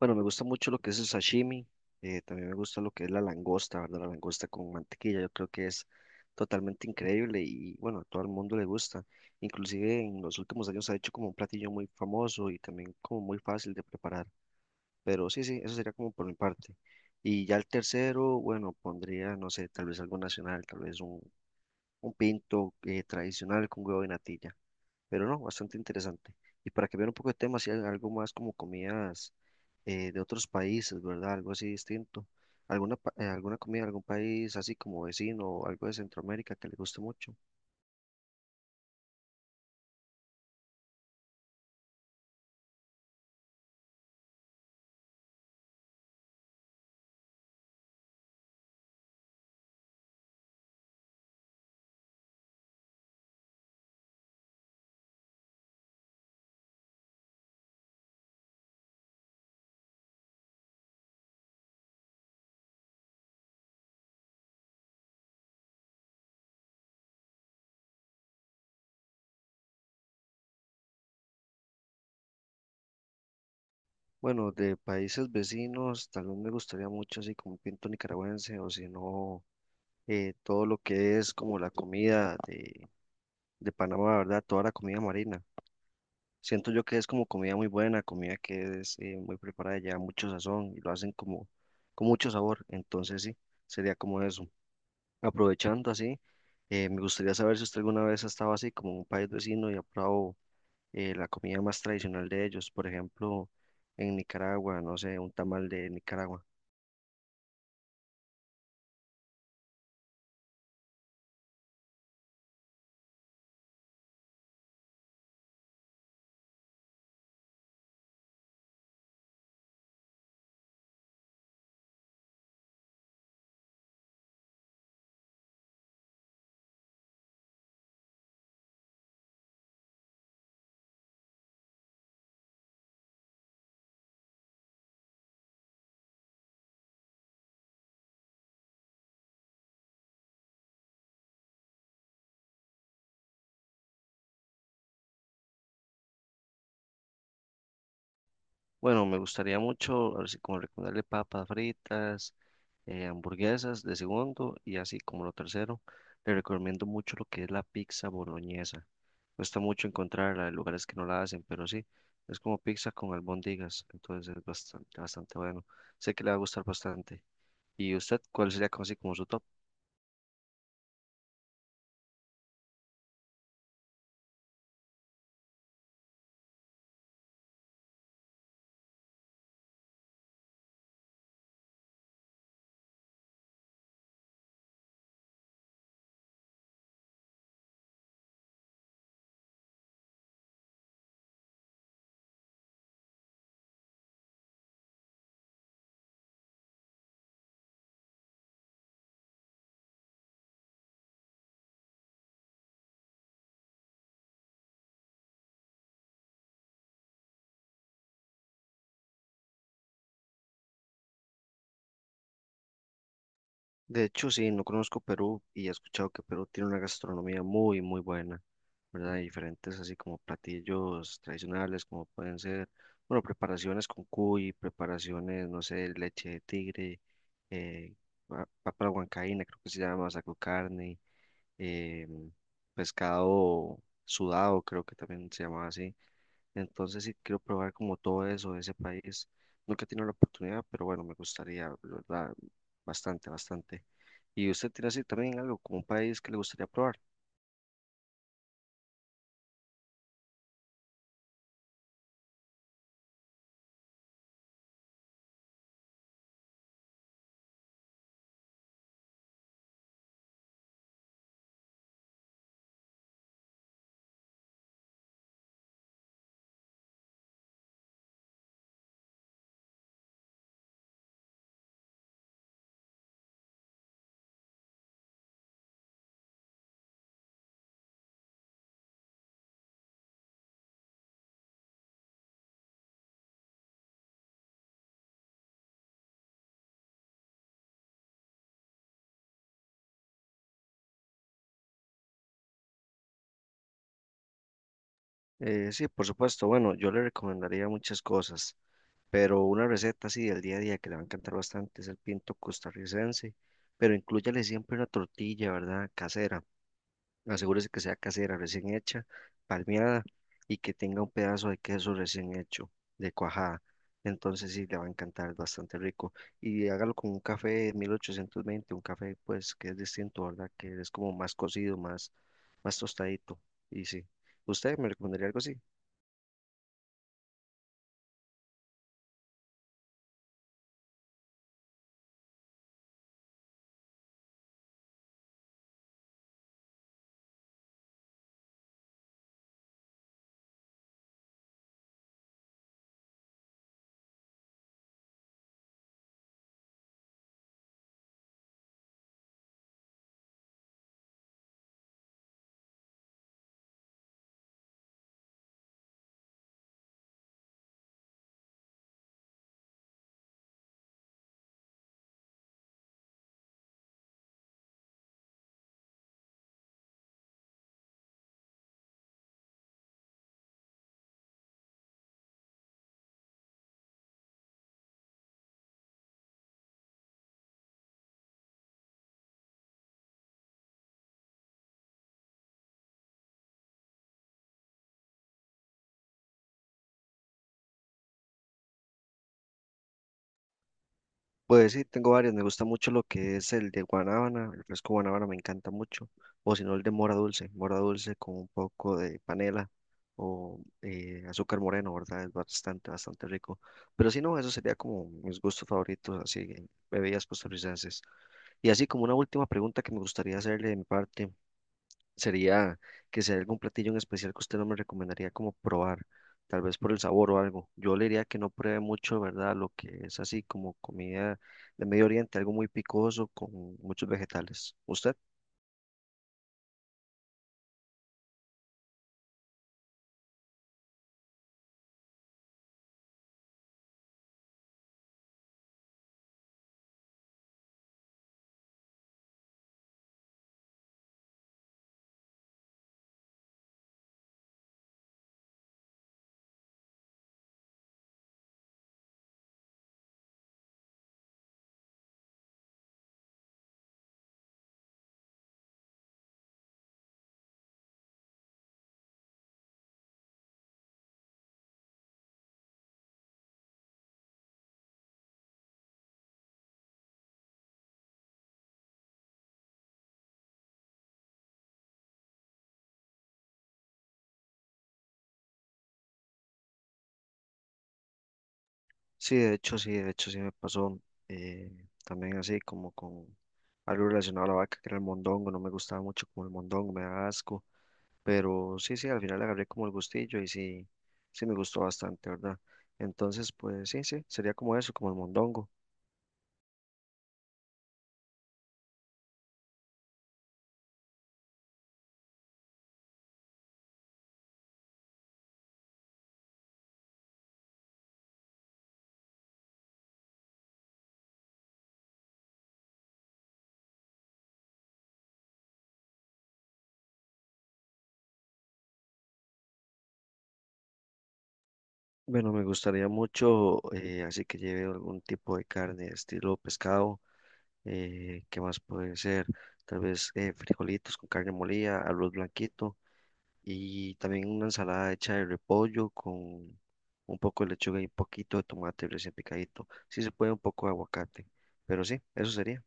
Bueno, me gusta mucho lo que es el sashimi, también me gusta lo que es la langosta, ¿verdad? La langosta con mantequilla, yo creo que es totalmente increíble y bueno, a todo el mundo le gusta. Inclusive en los últimos años se ha hecho como un platillo muy famoso y también como muy fácil de preparar. Pero sí, sí, eso sería como por mi parte. Y ya el tercero, bueno, pondría, no sé, tal vez algo nacional, tal vez un pinto tradicional con huevo y natilla. Pero no, bastante interesante. Y para cambiar un poco de tema, si hay algo más como comidas de otros países, ¿verdad? Algo así distinto. ¿Alguna, alguna comida de algún país así como vecino o algo de Centroamérica que le guste mucho? Bueno, de países vecinos, tal vez me gustaría mucho así como un pinto nicaragüense o si no, todo lo que es como la comida de Panamá, ¿verdad? Toda la comida marina. Siento yo que es como comida muy buena, comida que es muy preparada, lleva mucho sazón y lo hacen como con mucho sabor. Entonces sí, sería como eso. Aprovechando así, me gustaría saber si usted alguna vez ha estado así como en un país vecino y ha probado la comida más tradicional de ellos. Por ejemplo, en Nicaragua, no sé, un tamal de Nicaragua. Bueno, me gustaría mucho, así como recomendarle papas fritas, hamburguesas de segundo y así como lo tercero. Le recomiendo mucho lo que es la pizza boloñesa. Cuesta mucho encontrarla, hay lugares que no la hacen, pero sí, es como pizza con albóndigas, entonces es bastante, bastante bueno. Sé que le va a gustar bastante. ¿Y usted cuál sería como así como su top? De hecho, sí, no conozco Perú y he escuchado que Perú tiene una gastronomía muy, muy buena, ¿verdad? Y diferentes así como platillos tradicionales, como pueden ser, bueno, preparaciones con cuy, preparaciones, no sé, leche de tigre, eh, papa a la huancaína, creo que se llama, saco carne eh, pescado sudado, creo que también se llamaba así. Entonces sí quiero probar como todo eso de ese país. Nunca he tenido la oportunidad, pero bueno, me gustaría, la ¿verdad? Bastante, bastante. ¿Y usted tiene así también algo como un país que le gustaría probar? Sí, por supuesto. Bueno, yo le recomendaría muchas cosas, pero una receta así del día a día que le va a encantar bastante es el pinto costarricense, pero inclúyale siempre una tortilla, ¿verdad? Casera. Asegúrese que sea casera, recién hecha, palmeada y que tenga un pedazo de queso recién hecho, de cuajada. Entonces sí, le va a encantar, es bastante rico. Y hágalo con un café 1820, un café pues que es distinto, ¿verdad? Que es como más cocido, más, más tostadito. Y sí, ¿usted me recomendaría algo así? Pues sí, tengo varios. Me gusta mucho lo que es el de guanábana. El fresco guanábana me encanta mucho. O si no, el de mora dulce. Mora dulce con un poco de panela o azúcar moreno, ¿verdad? Es bastante, bastante rico. Pero si no, eso sería como mis gustos favoritos, así, en bebidas costarricenses. Y así como una última pregunta que me gustaría hacerle de mi parte sería que sea algún platillo en especial que usted no me recomendaría como probar, tal vez por el sabor o algo. Yo le diría que no pruebe mucho, ¿verdad? Lo que es así como comida de Medio Oriente, algo muy picoso con muchos vegetales. ¿Usted? Sí, de hecho, sí, de hecho, sí me pasó eh, también así como con algo relacionado a la vaca, que era el mondongo. No me gustaba mucho como el mondongo, me da asco. Pero sí, sí, al final le agarré como el gustillo y sí, sí me gustó bastante, ¿verdad? Entonces, pues sí, sí, sería como eso, como el mondongo. Bueno, me gustaría mucho, así que lleve algún tipo de carne, estilo pescado, ¿qué más puede ser? Tal vez frijolitos con carne molida, arroz blanquito y también una ensalada hecha de repollo con un poco de lechuga y un poquito de tomate recién picadito. Si se puede, un poco de aguacate, pero sí, eso sería.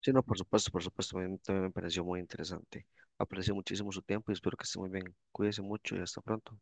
Sí, no, por supuesto, a mí también me pareció muy interesante. Aprecio muchísimo su tiempo y espero que esté muy bien. Cuídese mucho y hasta pronto.